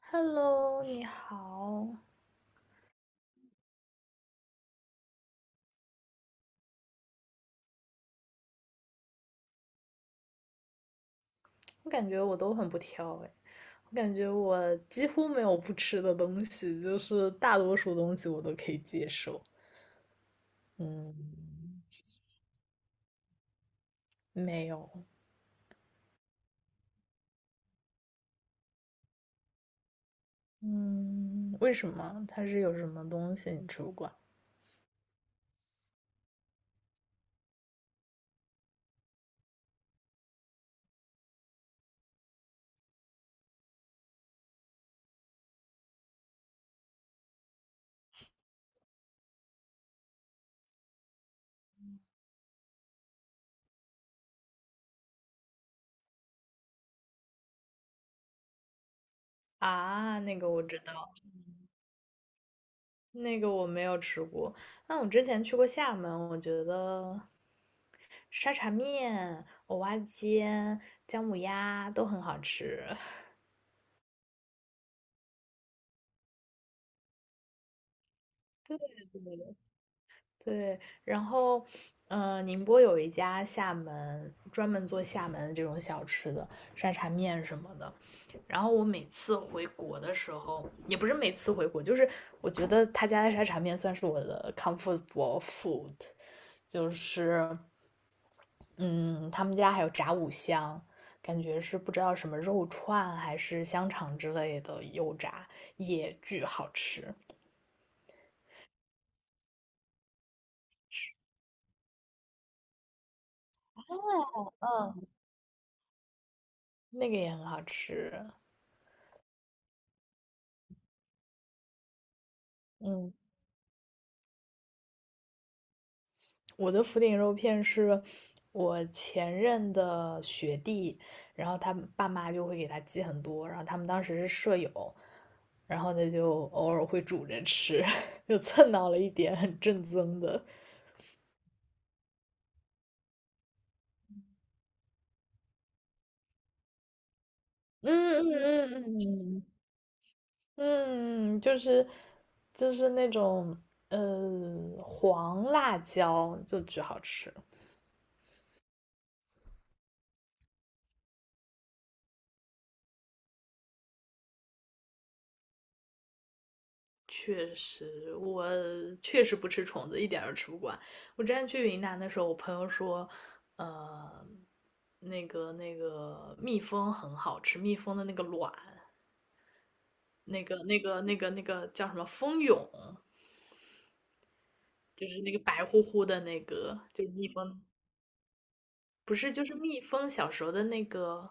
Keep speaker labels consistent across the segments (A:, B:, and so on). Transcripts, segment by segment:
A: Hello，你好。我感觉我都很不挑哎，我感觉我几乎没有不吃的东西，就是大多数东西我都可以接受。嗯，没有。嗯，为什么？它是有什么东西你吃不惯？啊，那个我知道，那个我没有吃过。那我之前去过厦门，我觉得沙茶面、蚵仔煎、姜母鸭都很好吃。对，然后，宁波有一家厦门专门做厦门这种小吃的沙茶面什么的。然后我每次回国的时候，也不是每次回国，就是我觉得他家的沙茶面算是我的 comfortable food，就是嗯，他们家还有炸五香，感觉是不知道什么肉串还是香肠之类的油炸，也巨好吃。哦嗯，那个也很好吃。嗯。我的福鼎肉片是我前任的学弟，然后他爸妈就会给他寄很多，然后他们当时是舍友，然后他就偶尔会煮着吃，就蹭到了一点很正宗的。嗯嗯嗯嗯嗯，就是就是那种黄辣椒就巨好吃。确实，我确实不吃虫子，一点儿都吃不惯。我之前去云南的时候，我朋友说，呃，那个蜜蜂很好吃，蜜蜂的那个卵，那个叫什么蜂蛹，就是那个白乎乎的那个，就是蜜蜂，不是就是蜜蜂小时候的那个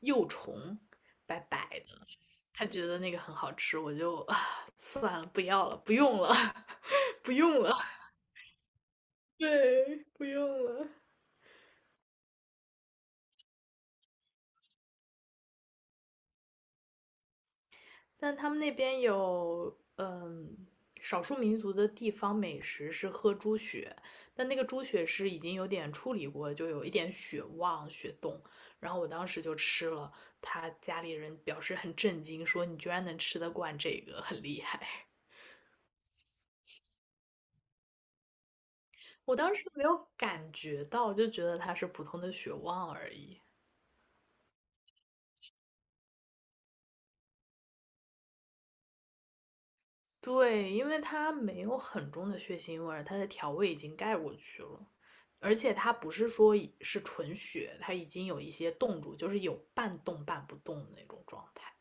A: 幼虫，白白的，他觉得那个很好吃，我就算了，不要了，不用了，不用了，对，不用了。但他们那边有，少数民族的地方美食是喝猪血，但那个猪血是已经有点处理过，就有一点血旺、血冻。然后我当时就吃了，他家里人表示很震惊，说你居然能吃得惯这个，很厉害。我当时没有感觉到，就觉得它是普通的血旺而已。对，因为它没有很重的血腥味儿，它的调味已经盖过去了，而且它不是说已是纯血，它已经有一些冻住，就是有半冻半不动的那种状态，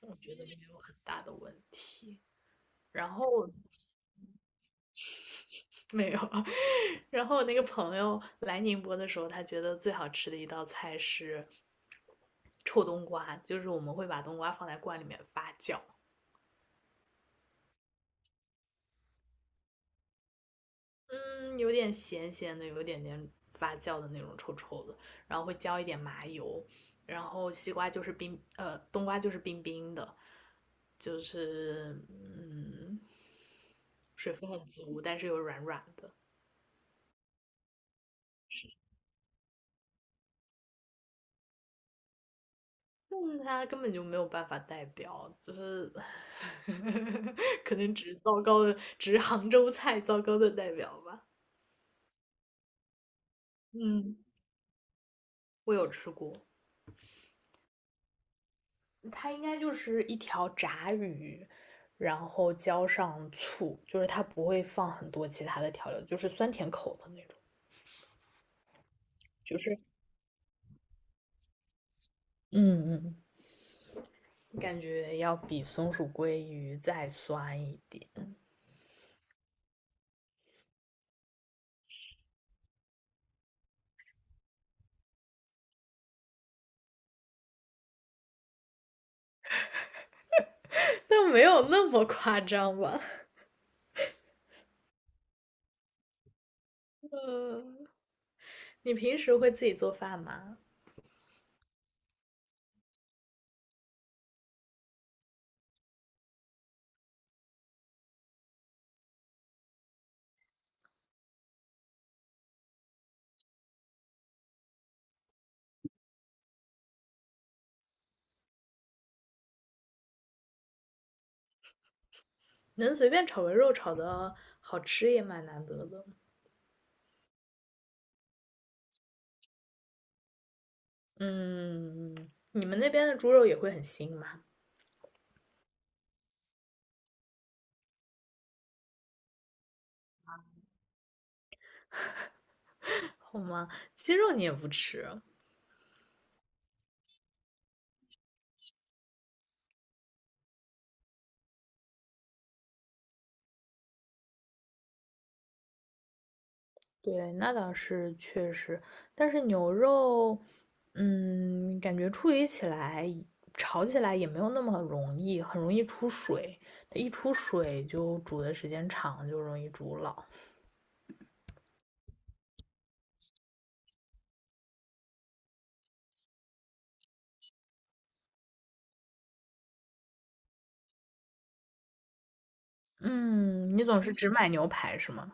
A: 我觉得没有很大的问题。然后没有，然后我那个朋友来宁波的时候，他觉得最好吃的一道菜是臭冬瓜，就是我们会把冬瓜放在罐里面发酵，嗯，有点咸咸的，有一点点发酵的那种臭臭的，然后会浇一点麻油，然后西瓜就是冰，冬瓜就是冰冰的，就是嗯，水分很足，但是又软软的。但它根本就没有办法代表，就是 可能只是糟糕的，只是杭州菜糟糕的代表吧。嗯，我有吃过，它应该就是一条炸鱼，然后浇上醋，就是它不会放很多其他的调料，就是酸甜口的那种，就是嗯嗯，感觉要比松鼠鲑鱼再酸一点，但没有那么夸张吧？呃，你平时会自己做饭吗？能随便炒个肉炒的好吃也蛮难得的。嗯，你们那边的猪肉也会很腥吗？好吗？鸡肉你也不吃？对，那倒是确实，但是牛肉，嗯，感觉处理起来、炒起来也没有那么容易，很容易出水。它一出水就煮的时间长，就容易煮老。嗯，你总是只买牛排是吗？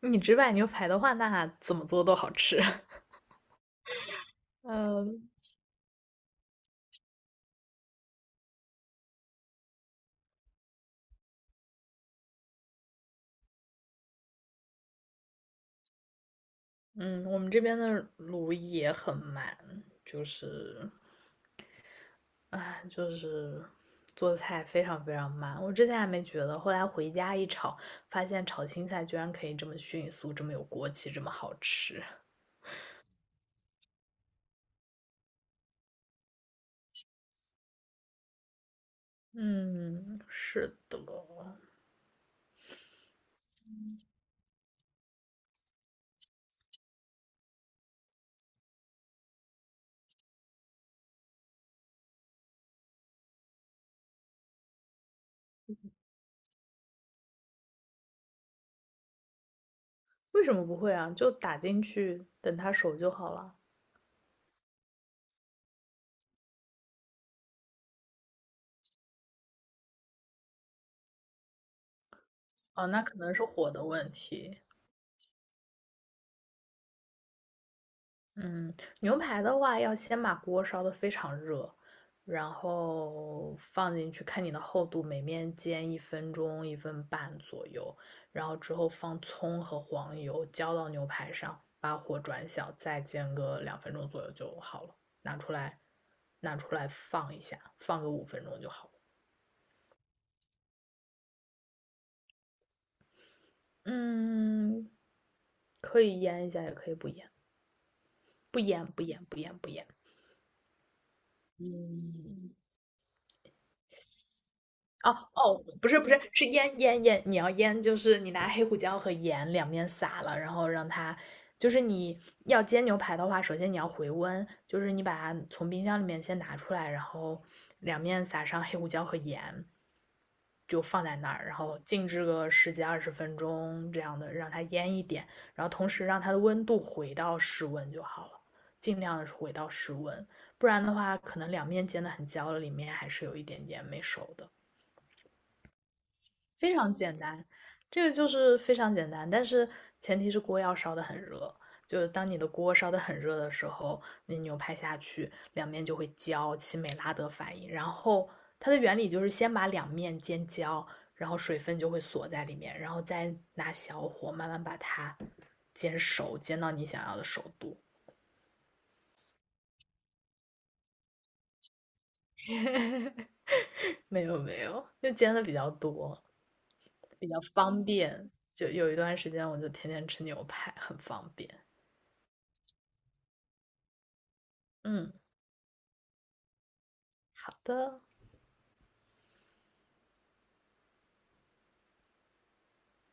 A: 你只买牛排的话，那怎么做都好吃。嗯嗯，我们这边的卤也很慢，就是就是做菜非常非常慢。我之前还没觉得，后来回家一炒，发现炒青菜居然可以这么迅速，这么有锅气，这么好吃。嗯，是的。为什么不会啊？就打进去，等它熟就好了。哦，那可能是火的问题。嗯，牛排的话要先把锅烧得非常热，然后放进去，看你的厚度，每面煎1分钟、1分半左右，然后之后放葱和黄油浇到牛排上，把火转小，再煎个2分钟左右就好了。拿出来，拿出来放一下，放个5分钟就好了。嗯，可以腌一下，也可以不腌，不腌，不腌，不腌，不腌。嗯，哦哦，不是不是，是腌腌腌，你要腌就是你拿黑胡椒和盐两面撒了，然后让它，就是你要煎牛排的话，首先你要回温，就是你把它从冰箱里面先拿出来，然后两面撒上黑胡椒和盐，就放在那儿，然后静置个十几二十分钟这样的，让它腌一点，然后同时让它的温度回到室温就好了，尽量的回到室温，不然的话可能两面煎的很焦了，里面还是有一点点没熟的。非常简单，这个就是非常简单，但是前提是锅要烧得很热。就是当你的锅烧得很热的时候，你牛排下去，两面就会焦，起美拉德反应。然后它的原理就是先把两面煎焦，然后水分就会锁在里面，然后再拿小火慢慢把它煎熟，煎到你想要的熟度。没有没有，就煎的比较多，比较方便。就有一段时间我就天天吃牛排，很方便。嗯，好的。